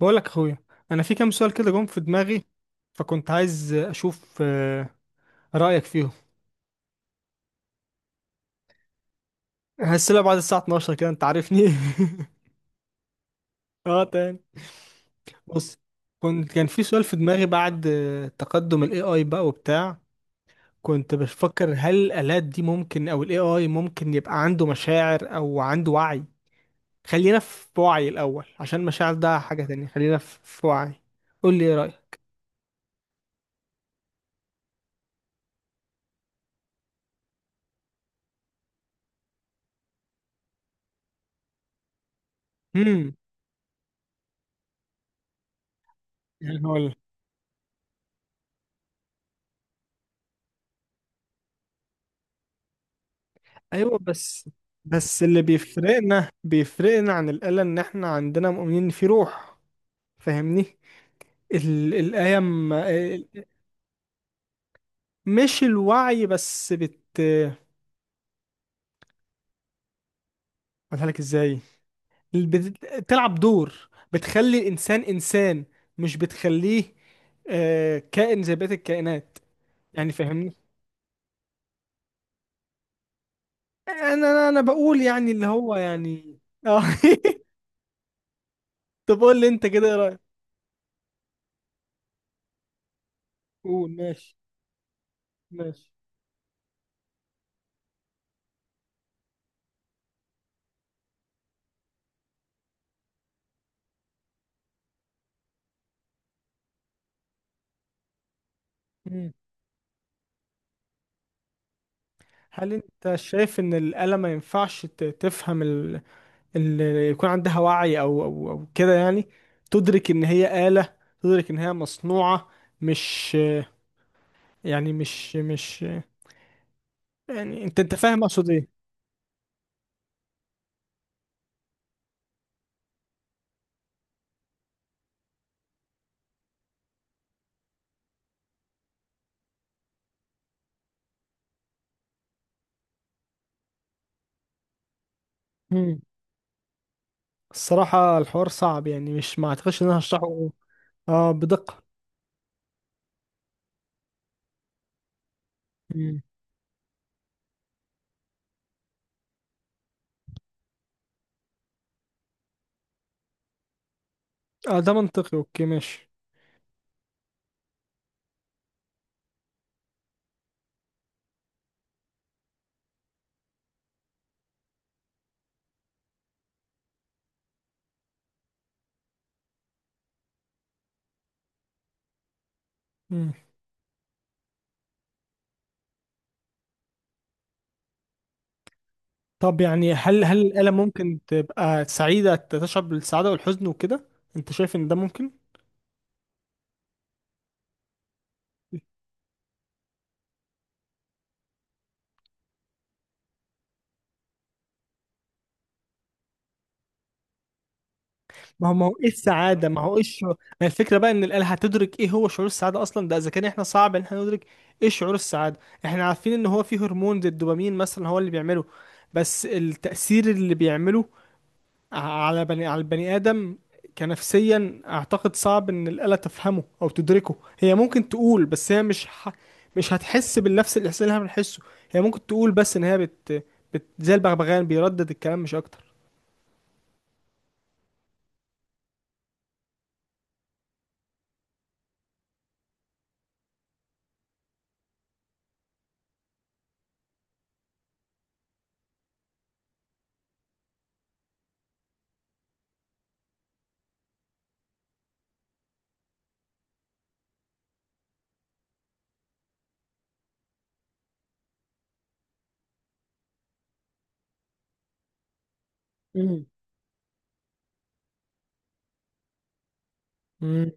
بقولك يا اخويا، انا في كام سؤال كده جم في دماغي، فكنت عايز اشوف رايك فيهم. هسألها بعد الساعه 12 كده، انت عارفني. اه تاني. بص، كان في سؤال في دماغي بعد تقدم الاي اي بقى وبتاع. كنت بفكر هل الالات دي ممكن او الاي اي ممكن يبقى عنده مشاعر او عنده وعي. خلينا في وعي الاول، عشان مشاعر ده حاجه تانية. خلينا في وعي. قول لي ايه رايك. امم ايوه بس، بس اللي بيفرقنا عن الآلة ان احنا عندنا مؤمنين إن في روح. فاهمني. ال الآية م- مش الوعي بس اقولها لك ازاي، بتلعب دور، بتخلي الانسان انسان، مش بتخليه كائن زي بقية الكائنات. يعني فاهمني. انا بقول يعني اللي هو يعني. اه. طب قول لي انت كده ايه رأيك. قول ماشي، ماشي. هل انت شايف ان الآلة ما ينفعش تفهم يكون عندها وعي او كده؟ يعني تدرك ان هي آلة، تدرك ان هي مصنوعة. مش، يعني مش، يعني انت فاهم اقصد ايه. مم. الصراحة الحوار صعب، يعني مش، ما اعتقدش ان انا هشرحه اه بدقة. مم. اه ده منطقي، اوكي ماشي. مم. طب يعني هل الآلة ممكن تبقى سعيدة، تشعر بالسعادة والحزن وكده؟ انت شايف ان ده ممكن؟ ما هو ايه السعاده؟ ما هو ايه الشعور؟ ما الفكره بقى ان الاله هتدرك ايه هو شعور السعاده اصلا، ده اذا كان احنا صعب ان احنا ندرك ايه شعور السعاده. احنا عارفين ان هو فيه هرمون زي الدوبامين مثلا هو اللي بيعمله. بس التاثير اللي بيعمله ع- على البني ادم كنفسيا، اعتقد صعب ان الاله تفهمه او تدركه. هي ممكن تقول، بس هي مش مش هتحس بالنفس الاحساس اللي احنا بنحسه. هي ممكن تقول، بس ان هي زي البغبغان بيردد الكلام مش اكتر. مم. مم.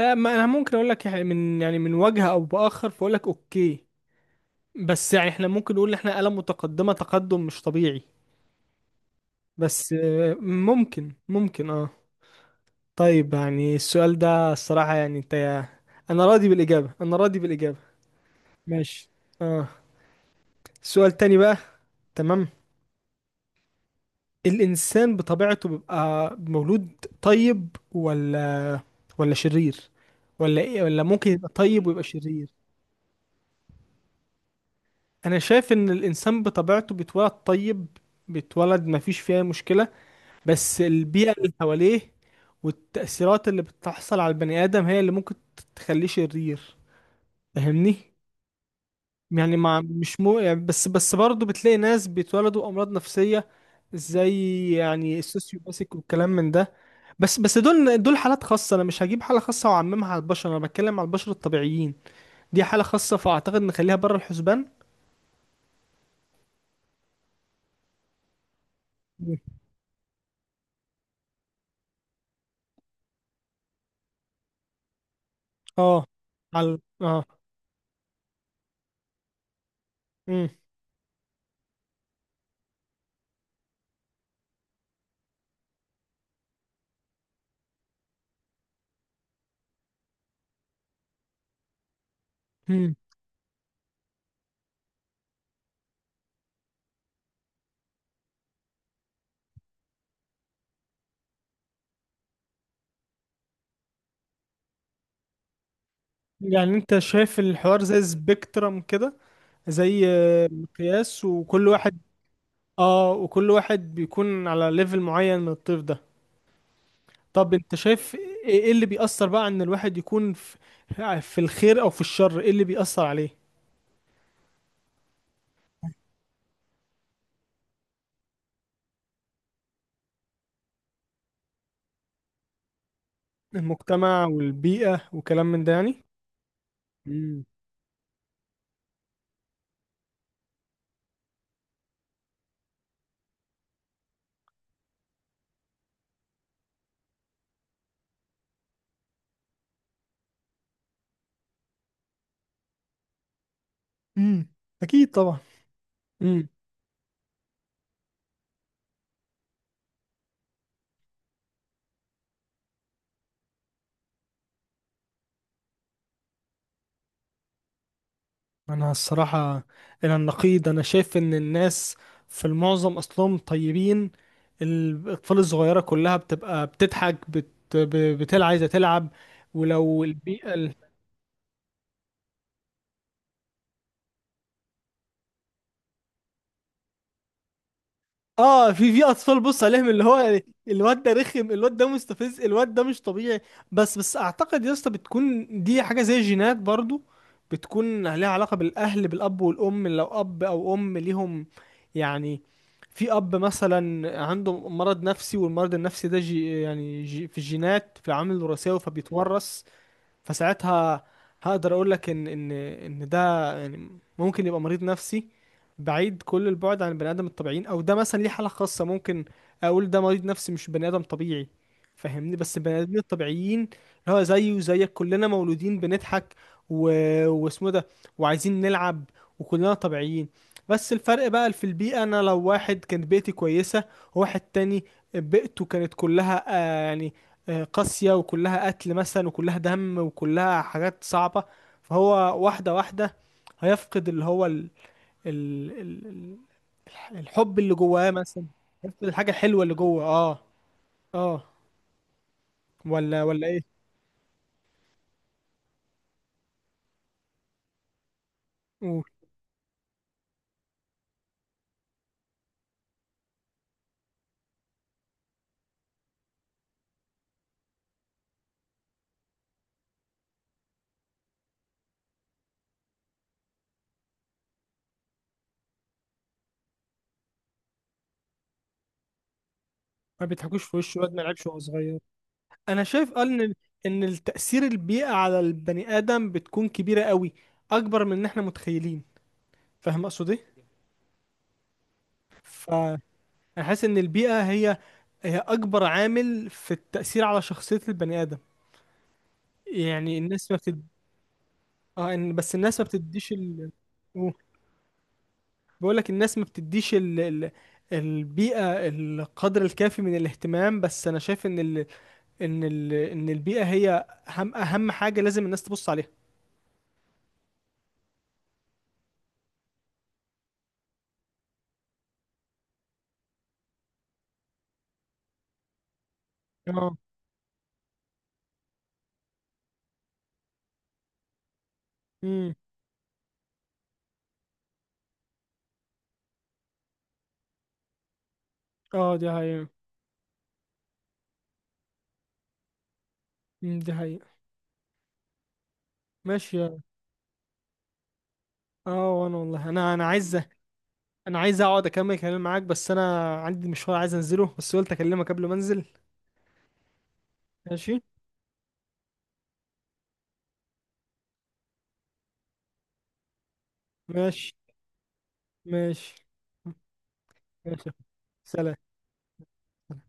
ما انا ممكن اقول لك، يعني من، يعني من وجه او باخر، فاقول لك اوكي. بس يعني احنا ممكن نقول ان احنا آلة متقدمة، تقدم مش طبيعي. بس ممكن اه. طيب، يعني السؤال ده الصراحة، يعني انت، انا راضي بالاجابة، انا راضي بالاجابة. ماشي. اه سؤال تاني بقى. تمام. الانسان بطبيعته بيبقى مولود طيب، ولا شرير، ولا ايه، ولا ممكن يبقى طيب ويبقى شرير؟ انا شايف ان الانسان بطبيعته بيتولد طيب. بيتولد ما فيش فيها مشكلة، بس البيئة اللي حواليه والتأثيرات اللي بتحصل على البني آدم هي اللي ممكن تخليه شرير. فاهمني. يعني مع مش مو يعني بس برضه بتلاقي ناس بيتولدوا أمراض نفسية، زي يعني السوسيوباسيك والكلام من ده. بس دول حالات خاصة، أنا مش هجيب حالة خاصة وأعممها على البشر، أنا بتكلم على البشر الطبيعيين. دي حالة خاصة، فأعتقد نخليها بره الحسبان. مم. اه على اه. مم. مم. يعني انت شايف الحوار زي سبيكترم كده، زي مقياس، وكل واحد، اه وكل واحد بيكون على ليفل معين من الطيف ده. طب انت شايف ايه، ايه اللي بيأثر بقى ان الواحد يكون في، في الخير او في الشر؟ ايه اللي بيأثر عليه؟ المجتمع والبيئة وكلام من ده يعني. امم امم، اكيد طبعا. انا الصراحة الى النقيض انا شايف ان الناس في المعظم اصلهم طيبين. الاطفال الصغيرة كلها بتبقى بتضحك بتلعب، عايزة تلعب، ولو البيئة اه. في اطفال بص عليهم اللي هو، يعني الواد ده رخم، الواد ده مستفز، الواد ده مش طبيعي. بس اعتقد يا اسطى بتكون دي حاجه زي جينات برضو، بتكون لها علاقه بالاهل، بالاب والام. لو اب او ام ليهم، يعني في اب مثلا عنده مرض نفسي، والمرض النفسي ده جي يعني جي في الجينات، في العوامل الوراثيه، فبيتورث. فساعتها هقدر اقول لك ان ده يعني ممكن يبقى مريض نفسي، بعيد كل البعد عن البني ادم الطبيعيين، او ده مثلا ليه حالة خاصة. ممكن اقول ده مريض نفسي مش بني ادم طبيعي، فاهمني. بس البني ادمين الطبيعيين اللي هو زيي وزيك كلنا مولودين بنضحك و... واسمه ده، وعايزين نلعب، وكلنا طبيعيين. بس الفرق بقى في البيئة. انا لو واحد كانت بيئتي كويسة، وواحد تاني بيئته كانت كلها آه يعني، قاسية، وكلها قتل مثلا، وكلها دم، وكلها حاجات صعبة، فهو واحدة واحدة هيفقد اللي هو ال... ال... ال- الحب اللي جواه مثلا. هيفقد الحاجة الحلوة اللي جوه، اه اه. ولا ايه؟ قول. ما بيضحكوش في وشه الواد، ما لعبش وهو صغير. انا شايف آه ان التأثير البيئة على البني آدم بتكون كبيرة قوي، اكبر من ان احنا متخيلين. فاهم اقصد ايه. فانا حاسس ان البيئة هي، هي اكبر عامل في التأثير على شخصية البني آدم. يعني الناس ما اه بس الناس ما بتديش بقول لك الناس ما بتديش البيئة القدر الكافي من الاهتمام. بس انا شايف ان ان البيئة هي اهم حاجة لازم الناس تبص عليها. اه امم اه دي حقيقة. دي حقيقة. ماشي اه، وانا والله انا عايز، انا عايز اقعد اكمل كلام معاك، بس انا عندي مشوار عايز انزله، بس قلت اكلمك قبل ما انزل. ماشي، ماشي، ماشي، ماشي. سلام.